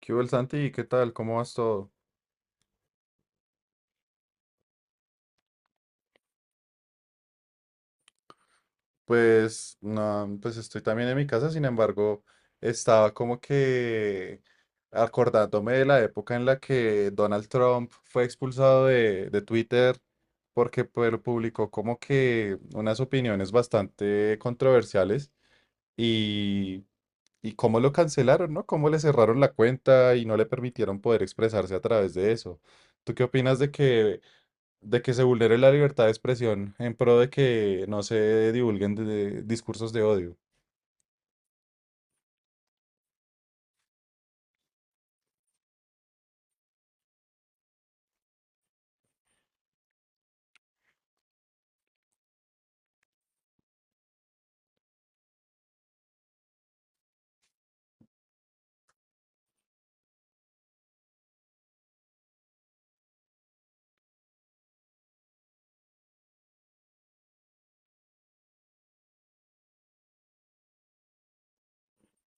¿Qué hubo, el Santi? ¿Qué tal? ¿Cómo vas todo? Pues, no, pues estoy también en mi casa, sin embargo, estaba como que acordándome de la época en la que Donald Trump fue expulsado de Twitter porque pues, publicó como que unas opiniones bastante controversiales y, y cómo lo cancelaron, ¿no? Cómo le cerraron la cuenta y no le permitieron poder expresarse a través de eso. ¿Tú qué opinas de que se vulnere la libertad de expresión en pro de que no se divulguen de discursos de odio.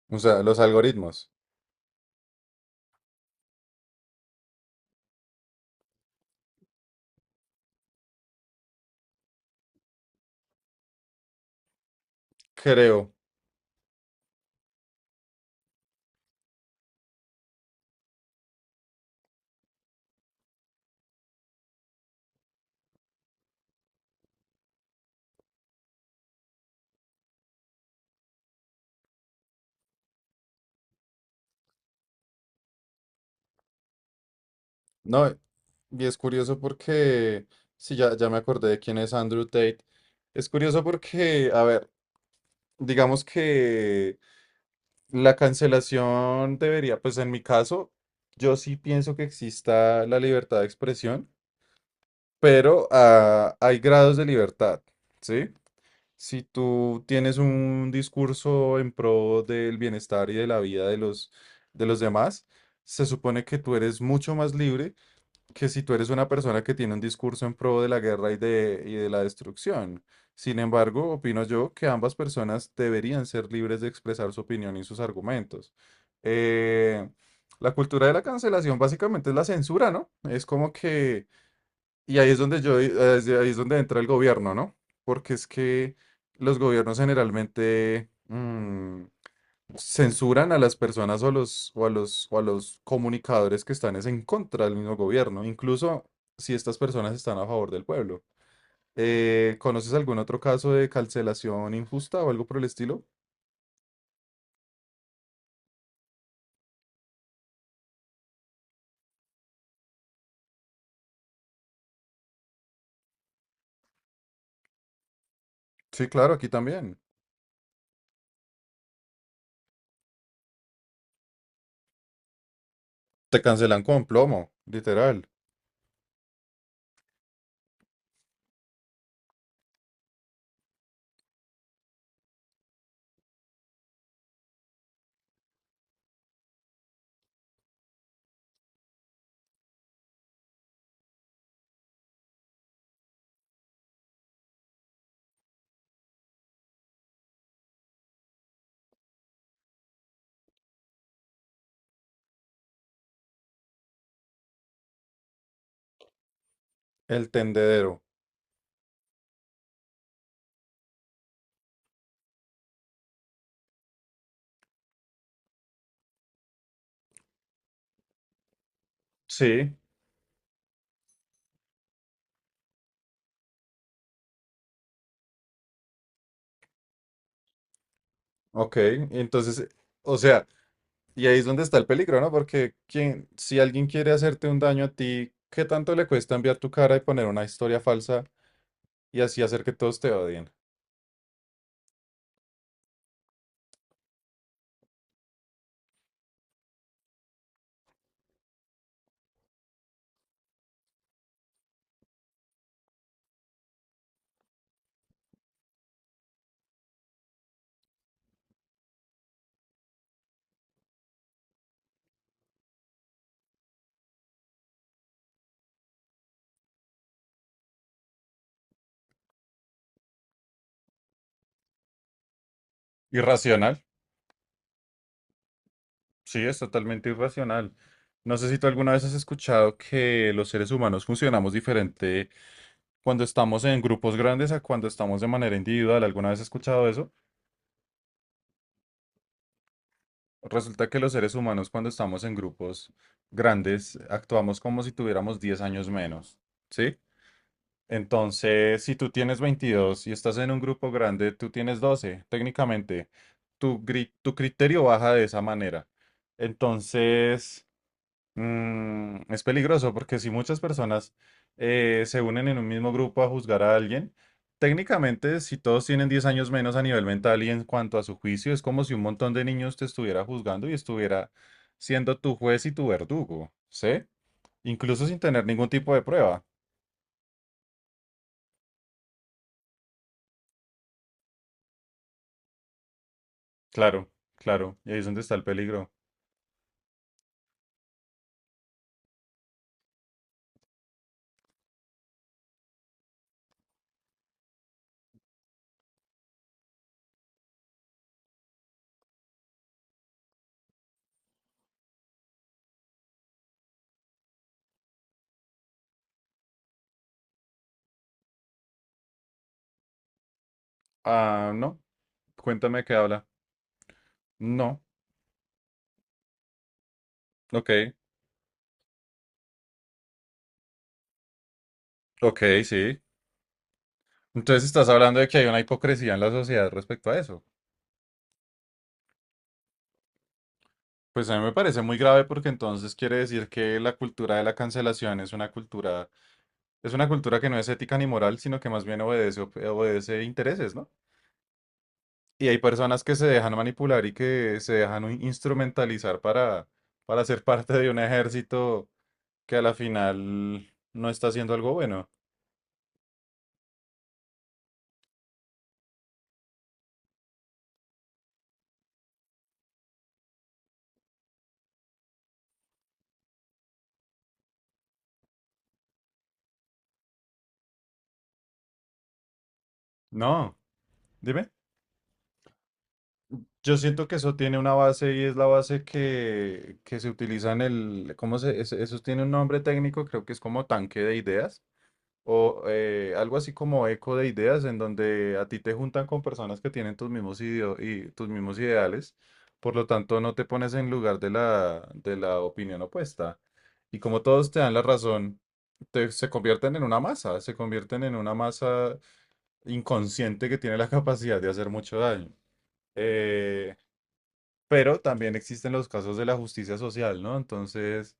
O sea, los algoritmos, creo. No, y es curioso porque, sí, ya me acordé de quién es Andrew Tate. Es curioso porque, a ver, digamos que la cancelación debería, pues en mi caso, yo sí pienso que exista la libertad de expresión, pero hay grados de libertad, ¿sí? Si tú tienes un discurso en pro del bienestar y de la vida de los demás, se supone que tú eres mucho más libre que si tú eres una persona que tiene un discurso en pro de la guerra y de la destrucción. Sin embargo, opino yo que ambas personas deberían ser libres de expresar su opinión y sus argumentos. Eh, la cultura de la cancelación básicamente es la censura, ¿no? Es como que y ahí es donde yo, ahí es donde entra el gobierno, ¿no? Porque es que los gobiernos generalmente censuran a las personas o a los, o a los, o a los comunicadores que están es en contra del mismo gobierno, incluso si estas personas están a favor del pueblo. ¿Conoces algún otro caso de cancelación injusta o algo por el estilo? Sí, claro, aquí también. Te cancelan con plomo, literal. El tendedero. Sí. Ok, entonces, o sea. Y ahí es donde está el peligro, ¿no? Porque quien, si alguien quiere hacerte un daño a ti, ¿qué tanto le cuesta enviar tu cara y poner una historia falsa y así hacer que todos te odien? Irracional, sí, es totalmente irracional. No sé si tú alguna vez has escuchado que los seres humanos funcionamos diferente cuando estamos en grupos grandes a cuando estamos de manera individual. ¿Alguna vez has escuchado eso? Resulta que los seres humanos cuando estamos en grupos grandes actuamos como si tuviéramos 10 años menos, ¿sí? Entonces, si tú tienes 22 y estás en un grupo grande, tú tienes 12, técnicamente. Tu criterio baja de esa manera. Entonces, es peligroso porque si muchas personas se unen en un mismo grupo a juzgar a alguien, técnicamente si todos tienen 10 años menos a nivel mental y en cuanto a su juicio, es como si un montón de niños te estuviera juzgando y estuviera siendo tu juez y tu verdugo, ¿sí? Incluso sin tener ningún tipo de prueba. Claro, claro, y ahí es donde está el peligro. Ah, no, cuéntame qué habla. No, ok, ok, sí. Entonces estás hablando de que hay una hipocresía en la sociedad respecto a eso. Pues a mí me parece muy grave porque entonces quiere decir que la cultura de la cancelación es una cultura que no es ética ni moral, sino que más bien obedece, obedece intereses, ¿no? Y hay personas que se dejan manipular y que se dejan instrumentalizar para ser parte de un ejército que a la final no está haciendo algo bueno. No, dime. Yo siento que eso tiene una base y es la base que se utiliza en el, ¿cómo se, eso tiene un nombre técnico, creo que es como tanque de ideas o algo así como eco de ideas, en donde a ti te juntan con personas que tienen tus mismos y tus mismos ideales, por lo tanto no te pones en lugar de la opinión opuesta. Y como todos te dan la razón, se convierten en una masa, se convierten en una masa inconsciente que tiene la capacidad de hacer mucho daño. Eh, pero también existen los casos de la justicia social, ¿no? Entonces,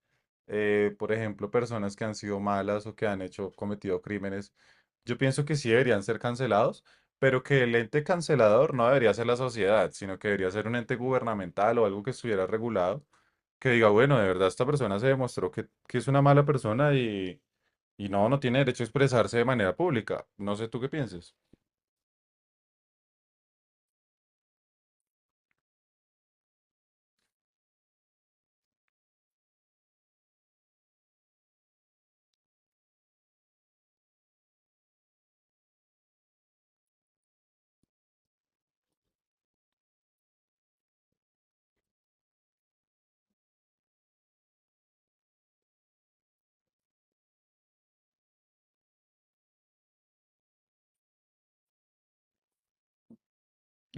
por ejemplo, personas que han sido malas o que han hecho, cometido crímenes, yo pienso que sí deberían ser cancelados, pero que el ente cancelador no debería ser la sociedad, sino que debería ser un ente gubernamental o algo que estuviera regulado, que diga, bueno, de verdad esta persona se demostró que es una mala persona y no, no tiene derecho a expresarse de manera pública. No sé tú qué pienses.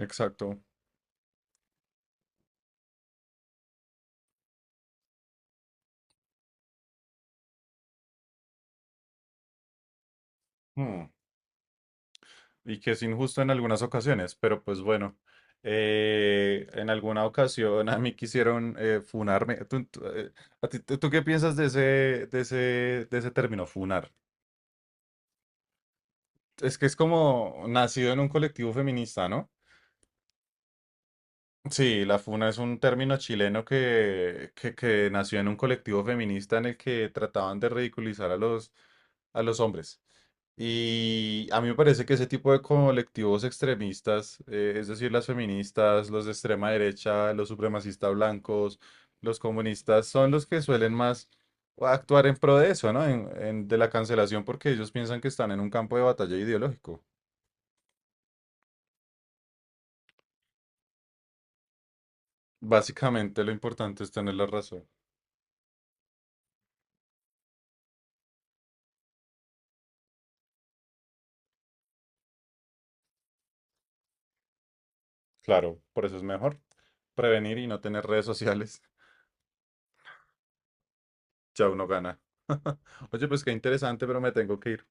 Exacto. Hmm. Y que es injusto en algunas ocasiones, pero pues bueno. En alguna ocasión a mí quisieron funarme. ¿Tú, tú, tú qué piensas de ese, de ese, de ese término, funar? Es que es como nacido en un colectivo feminista, ¿no? Sí, la funa es un término chileno que nació en un colectivo feminista en el que trataban de ridiculizar a los hombres. Y a mí me parece que ese tipo de colectivos extremistas, es decir, las feministas, los de extrema derecha, los supremacistas blancos, los comunistas, son los que suelen más actuar en pro de eso, ¿no? De la cancelación porque ellos piensan que están en un campo de batalla ideológico. Básicamente lo importante es tener la razón. Claro, por eso es mejor prevenir y no tener redes sociales. Ya uno gana. Oye, pues qué interesante, pero me tengo que ir.